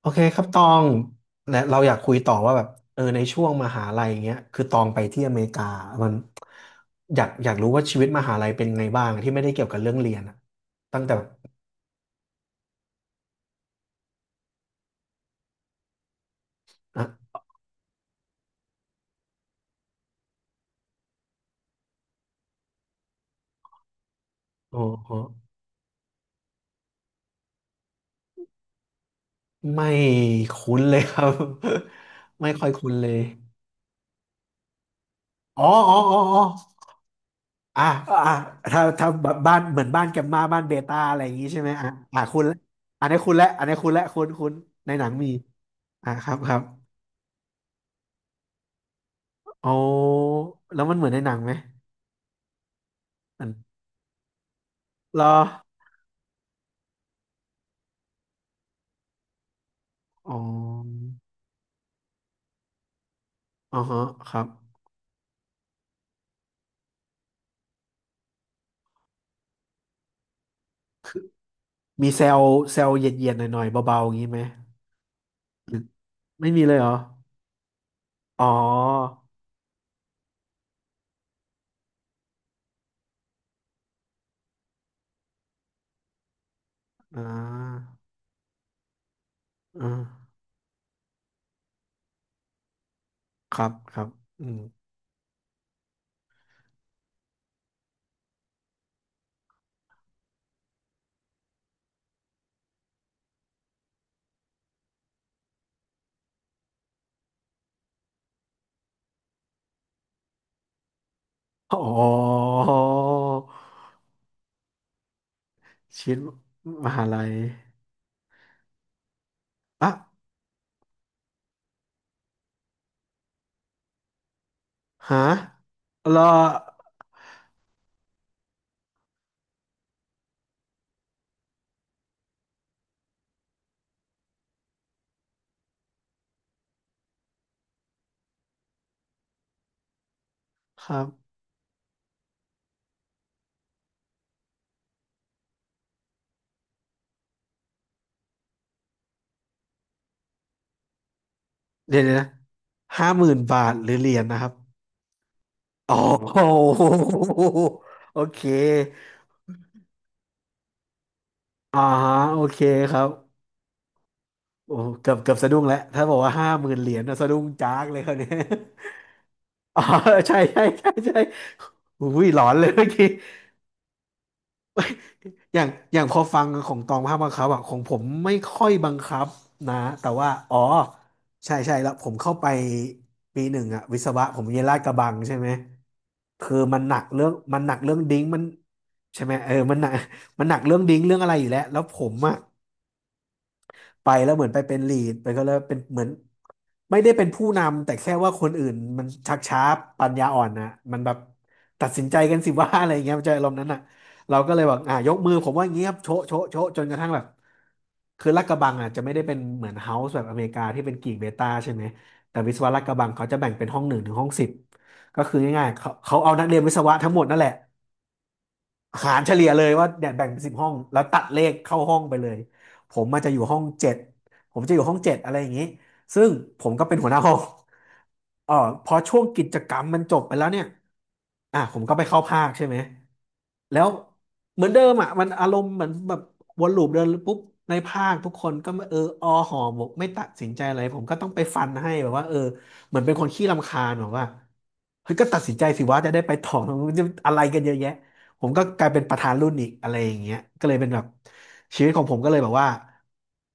โอเคครับตองและเราอยากคุยต่อว่าแบบในช่วงมหาลัยอย่างเงี้ยคือตองไปที่อเมริกามันอยากรู้ว่าชีวิตมหาลัยเป็นไงบ้างที่ไม่ได้เกี่ยวกับเรื่องเรียนอะตั้งแต่แบบอ่ะโอ้โหไม่คุ้นเลยครับ ไม่ค่อยคุ้นเลยอ๋ออ๋ออ๋ออ๋ออ่ะอ่ะถ้าแบบบ้านเหมือนบ้านแกมมาบ้านเบต้าอะไรอย่างงี้ใช่ไหมอ่ะอ่ะคุณละอันนี้คุณและอันนี้คุณและคุณในหนังมีอ่ะครับครับโอ้แล้วมันเหมือนในหนังไหม อันเหรออ๋ออ๋อฮะครับมีเซลเซลเย็นๆหน่อยๆเบาๆอย่างนี้ไหมหรือไม่มีเลยเหรออ๋ออ่าอ่าครับครับอืมอ๋อชีวิตมหาลัยอ่ะฮะเหรอครับเดี๋ยวนะห้าหมื่น50,000บาทหรือเหรียญนะครับอ๋อโอโหโอเคอ่าฮะโอเคครับ โอ้เกือบสะดุ้งแล้วถ้าบอกว่าห้าหมื่นเหรียญนะสะดุ้งจากเลยคนนี้ อ๋อใช่ใช่ใช่ใช่อุ้ยหลอนเลยเมื่อกี้อย่างอย่างพอฟังของตองภาพบังคับอะของผมไม่ค่อยบังคับนะแต่ว่าอ๋อใช่ใช่แล้วผมเข้าไปปีหนึ่งอะวิศวะผมเรียนลาดกระบังใช่ไหมคือมันหนักเรื่องมันหนักเรื่องดิ้งมันใช่ไหมเออมันหนักเรื่องอะไรอยู่แล้วแล้วผมอะ ไปแล้วเหมือนไปเป็นลีดไปก็แล้วเป็นเหมือนไม่ได้เป็นผู้นำแต่แค่ว่าคนอื่นมันชักช้าปัญญาอ่อนนะมันแบบตัดสินใจกันสิว่า อะไรอย่างเงี้ยมันจะอารมณ์นั้นอ่ะเราก็เลยบอกอ่ะยกมือผมว่าอย่างเงี้ยครับโชะโชะโชะจนกระทั่งแบบคือลาดกระบังอ่ะจะไม่ได้เป็นเหมือนเฮาส์แบบอเมริกาที่เป็นกิ่งเบต้าใช่ไหมแต่วิศวะลาดกระบังเขาจะแบ่งเป็นห้องหนึ่งถึงห้องสิบก็คือง่ายๆเขาเอานักเรียนวิศวะทั้งหมดนั่นแหละ หารเฉลี่ยเลยว่าเนี่ยแบ่งเป็นสิบห้องแล้วตัดเลขเข้าห้องไปเลยผมมันจะอยู่ห้องเจ็ดผมจะอยู่ห้องเจ็ดอะไรอย่างนี้ซึ่งผมก็เป็นหัวหน้าห้อง เออพอช่วงกิจกรรมมันจบไปแล้วเนี่ยอ่ะผมก็ไปเข้าภาคใช่ไหมแล้วเหมือนเดิมอ่ะมันอารมณ์เหมือนแบบวนลูปเดินปุ๊บในภาคทุกคนก็ไม่เออออห่อหมกไม่ตัดสินใจอะไรผมก็ต้องไปฟันให้แบบว่าเออเหมือนเป็นคนขี้รำคาญแบบว่าเฮ้ยก็ตัดสินใจสิว่าจะได้ไปต่อ มันจะอะไรกันเยอะแยะ ผมก็กลายเป็นประธานรุ่นอีกอะไรอย่างเงี้ยก็เลยเป็นแบบชีวิตของผมก็เลยแบบว่า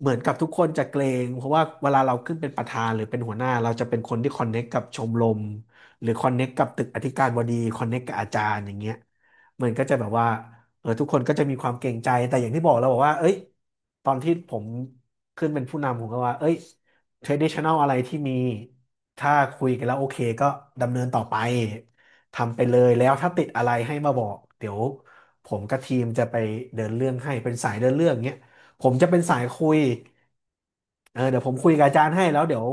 เหมือนกับทุกคนจะเกรงเพราะว่าเวลาเราขึ้นเป็นประธานหรือเป็นหัวหน้าเราจะเป็นคนที่คอนเน็กกับชมรมหรือคอนเน็กกับตึกอธิการบดีคอนเน็กกับอาจารย์อย่างเงี้ยเหมือนก็จะแบบว่าเออทุกคนก็จะมีความเกรงใจแต่อย่างที่บอกเราบอกว่าเอ้ยตอนที่ผมขึ้นเป็นผู้นำผมก็ว่าเอ้ย traditional อะไรที่มีถ้าคุยกันแล้วโอเคก็ดำเนินต่อไป ทำไปเลยแล้วถ้าติดอะไรให้มาบอกเดี๋ยวผมกับทีมจะไปเดินเรื่องให้เป็นสายเดินเรื่องเงี้ยผมจะเป็นสายคุยเออเดี๋ยวผมคุยกับอาจารย์ให้แล้วเดี๋ยว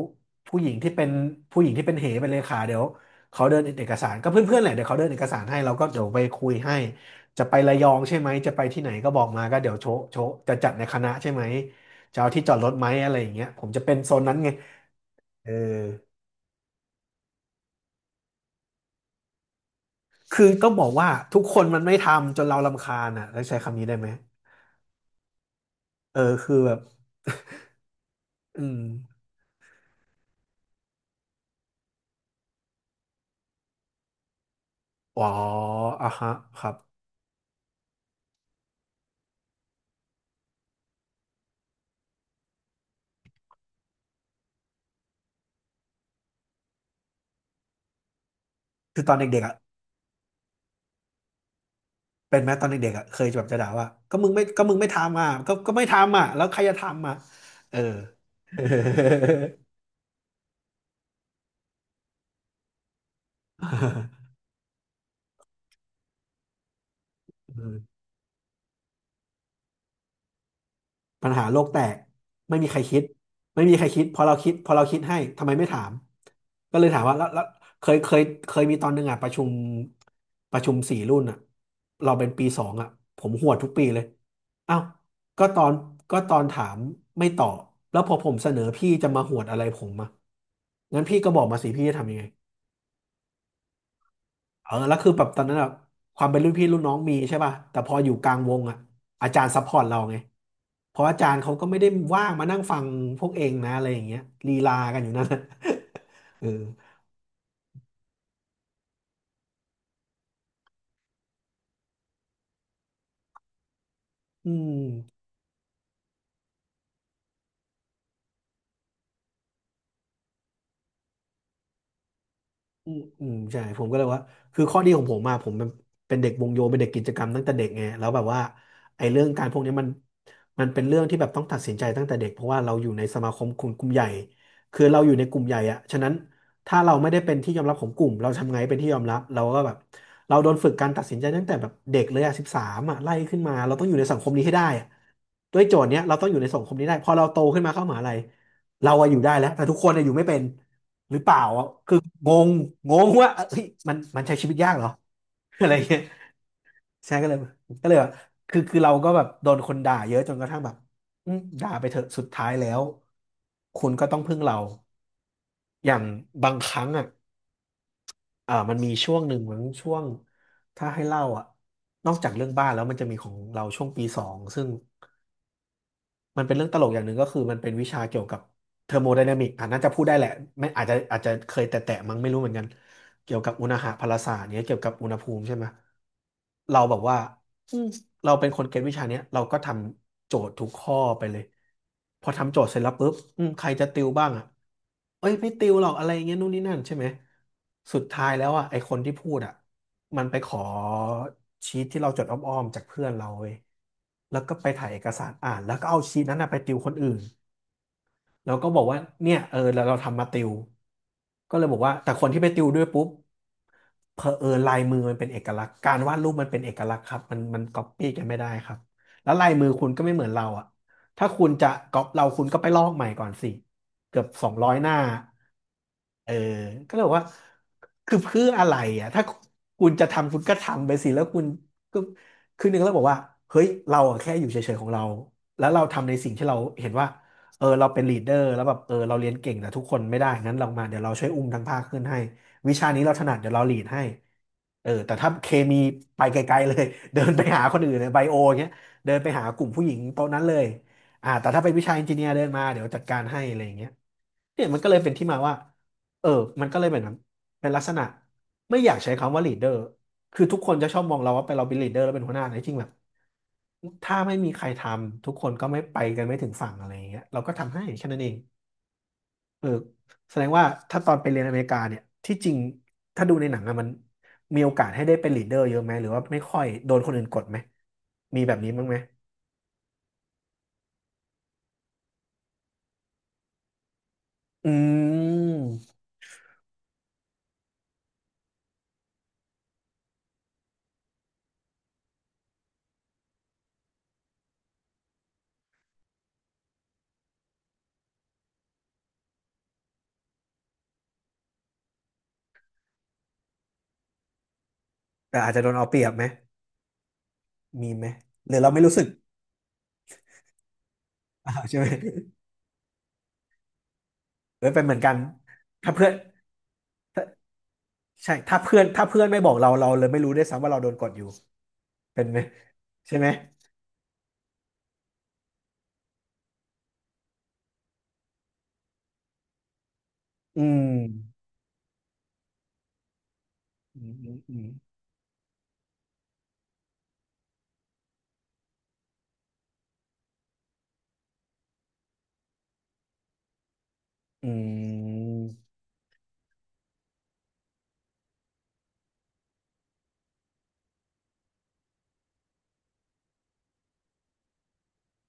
ผู้หญิงที่เป็นเป็นเลขาเดี๋ยวเขาเดินเอกสารก็เพื่อนๆแหละเดี๋ยวเขาเดินเอกสารให้เราก็เดี๋ยวไปคุยให้จะไประยองใช่ไหมจะไปที่ไหนก็บอกมาก็เดี๋ยวโชะโชะจะจัดในคณะใช่ไหมจะเอาที่จอดรถไหมอะไรอย่างเงี้ยผมจะเป็นโซนนั้นไงเออ คือต้องบอกว่าทุกคนมันไม่ทำจนเรารำคาญอ่ะแล้วใช้คำนี้ได้ไหมเออคือแบบอืมอ๋ออ่ะฮะครับคือตอนเด็กๆอ่ะเป็นไหมตอนเด็กๆอ่ะเคยจะแบบจะด่าว่าก็มึงไม่ทำอ่ะก็ไม่ทำอ่ะแล้วใครจะทำอ่ะเออ ปัญหาโลกแตกไม่มีใครคิดไม่มีใครคิดพอเราคิดให้ทำไมไม่ถามก็เลยถามว่าแล้วเคยเคยเคยมีตอนหนึ่งอ่ะประชุม4 รุ่นอ่ะเราเป็นปีสองอ่ะผมหวดทุกปีเลยเอ้าก็ตอนก็ตอนถามไม่ตอบแล้วพอผมเสนอพี่จะมาหวดอะไรผมอ่ะงั้นพี่ก็บอกมาสิพี่จะทำยังไง เออแล้วคือแบบตอนนั้นอะความเป็นรุ่นพี่รุ่นน้องมีใช่ป่ะแต่พออยู่กลางวงอะอาจารย์ซัพพอร์ตเราไงเพราะอาจารย์เขาก็ไม่ได้ว่างมานั่งฟังพวกเองนะอะไรอย่างเงี้ยลีลากันอยู่นั่นน่ะ เอออืม อืมอืมใช่ผมก็เลยว่าคือข้อดีของผมมาผมเป็นเป็นเด็กวงโยเป็นเด็กกิจกรรมตั้งแต่เด็กไงแล้วแบบว่าไอ้เรื่องการพวกนี้มันเป็นเรื่องที่แบบต้องตัดสินใจตั้งแต่เด็กเพราะว่าเราอยู่ในสมาคมกลุ่มใหญ่คือเราอยู่ในกลุ่มใหญ่อะฉะนั้นถ้าเราไม่ได้เป็นที่ยอมรับของกลุ่มเราทำไงหเป็นที่ยอมรับเราก็แบบเราโดนฝึกการตัดสินใจตั้งแต่แบบเด็กเลยอะ13อะไล่ขึ้นมาเราต้องอยู่ในสังคมนี้ให้ได้อะด้วยโจทย์เนี้ยเราต้องอยู่ในสังคมนี้ได้พอเราโตขึ้นมาเข้ามหาลัยเราอะอยู่ได้แล้วแต่ทุกคนอะอยู่ไม่เป็น หรือเปล่าอะคืองงงงว่าเอ้ยมันมันใช้ชีวิตยากเหรอ อะไรเงี้ยใช่ก็เลยแบบคือเราก็แบบโดนคนด่าเยอะจนกระทั่งแบบอืมด่าไปเถอะสุดท้ายแล้วคุณก็ต้องพึ่งเราอย่างบางครั้งอ่ะเอ่ามันมีช่วงหนึ่งเหมือนช่วงถ้าให้เล่าอ่ะนอกจากเรื่องบ้านแล้วมันจะมีของเราช่วงปีสองซึ่ง มันเป็นเรื่องตลกอย่างหนึ่งก็คือมันเป็นวิชาเกี่ยวกับเทอร์โมไดนามิกอ่ะน่าจะพูดได้แหละไม่อาจจะเคยแตะๆมั้งไม่รู้เหมือนกันเกี่ยวกับอุณหภาพศาสตร์เนี้ยเกี่ยวกับอุณหภูมิใช่ไหมเราแบบว่าอืมเราเป็นคนเก็ตวิชาเนี้ยเราก็ทำโจทย์ทุกข้อไปเลยพอทำโจทย์เสร็จแล้วปุ๊บอืมใครจะติวบ้างอ่ะเอ้ยไม่ติวหรอกอะไรอย่างเงี้ยนู่นนี่นั่นใช่ไหมสุดท้ายแล้วอ่ะไอคนที่พูดอ่ะ มันไปขอชีทที่เราจดอ้อมๆจากเพื่อนเราเว้ยแล้วก็ไปถ่ายเอกสารอ่านแล้วก็เอาชีทนั้นนะไปติวคนอื่นแล้วก็บอกว่าเนี่ยเออแล้วเราทำมาติวก็เลยบอกว่าแต่คนที่ไปติวด้วยปุ๊บเผอิญลายมือมันเป็นเอกลักษณ์การวาดรูปมันเป็นเอกลักษณ์ครับมันก๊อปปี้กันไม่ได้ครับแล้วลายมือคุณก็ไม่เหมือนเราอะถ้าคุณจะก๊อปเราคุณก็ไปลอกใหม่ก่อนสิเกือบ200 หน้า เออก็เลยบอกว่าคือเพื่ออะไรอ่ะถ้าคุณจะทำคุณก็ทำไปสิแล้วคุณก็คือหนึ่งแล้วบอกว่าเฮ้ยเราอะแค่อยู่เฉยๆของเรา แล้วเราทำในสิ่งที่เราเห็นว่าเออเราเป็นลีดเดอร์แล้วแบบเออเราเรียนเก่งแต่ทุกคนไม่ได้งั้นลองมาเดี๋ยวเราช่วยอุ้มทั้งภาคขึ้นให้วิชานี้เราถนัดเดี๋ยวเราลีดให้เออแต่ถ้าเคมีไปไกลๆเลย เดินไปหาคนอื่นในไบโอเงี้ยเดินไปหากลุ่มผู้หญิงโต๊ะนั้นเลยอ่าแต่ถ้าเป็นวิชาเอนจิเนียร์เดินมาเดี๋ยวจัดการให้อะไรอย่างเงี้ยเนี่ยมันก็เลยเป็นที่มาว่า เออ มันก็เลยแบบนั้นเป็นลักษณะไม่อยากใช้คำว่าลีดเดอร์คือทุกคนจะชอบมองเราว่าไปเราเป็นลีดเดอร์แล้วเป็นหัวหน้าแต่จริงๆแบบ ถ้าไม่มีใครทำทุกคนก็ไม่ไปกันไม่ถึงฝั่งอะไรอย่างเงี้ยเราก็ทำให้แค่นั้นเองเออแสดงว่าถ้าตอนไปเรียนอเมริกาเนี่ยที่จริงถ้าดูในหนังอะมันมีโอกาสให้ได้เป็นลีดเดอร์เยอะไหมหรือว่าไม่ค่อยโดนคนอื่นกดไหมมีแบบนี้บ้างไหมอืมแต่อาจจะโดนเอาเปรียบไหมมีไหมหรือเราไม่รู้สึก อ้าวใช่ไหมเออเป็นเหมือนกันถ้าเพื่อน ถ้าใช่ถ้าเพื่อนไม่บอกเราเราเลยไม่รู้ด้วยซ้ำว่าเราโดนกดอยู่เป็นไหมใช่ไหมอืมอืมอืมอืม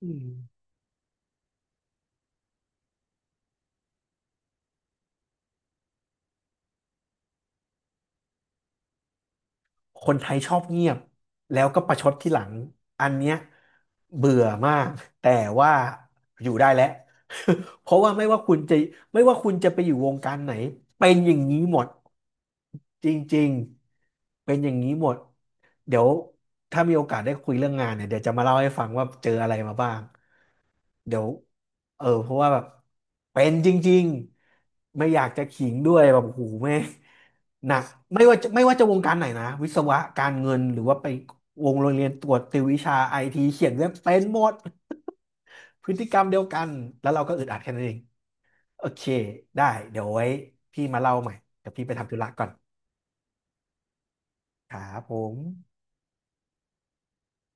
อืมคนไทยชอบเงียบแล้วก็ประชดที่หลังอันเนี้ยเบื่อมากแต่ว่าอยู่ได้แล้ว เพราะว่าไม่ว่าคุณจะไปอยู่วงการไหนเป็นอย่างนี้หมดจริงๆเป็นอย่างนี้หมดเดี๋ยวถ้ามีโอกาสได้คุยเรื่องงานเนี่ยเดี๋ยวจะมาเล่าให้ฟังว่าเจออะไรมาบ้าง เดี๋ยวเออเพราะว่าแบบเป็นจริงๆไม่อยากจะขิงด้วยแบบโอ้โหูแม่งหนักไม่ว่าจะวงการไหนนะวิศวะการเงินหรือว่าไปวงโรงเรียนตรวจติววิชาไอทีเขียนเว็บเป็นหมดพฤติกรรมเดียวกันแล้วเราก็อึดอัดแค่นั้นเองโอเคได้เดี๋ยวไว้พี่มาเล่าใหม่เดี๋ยวพี่ไปทำธุระก่อนครับผม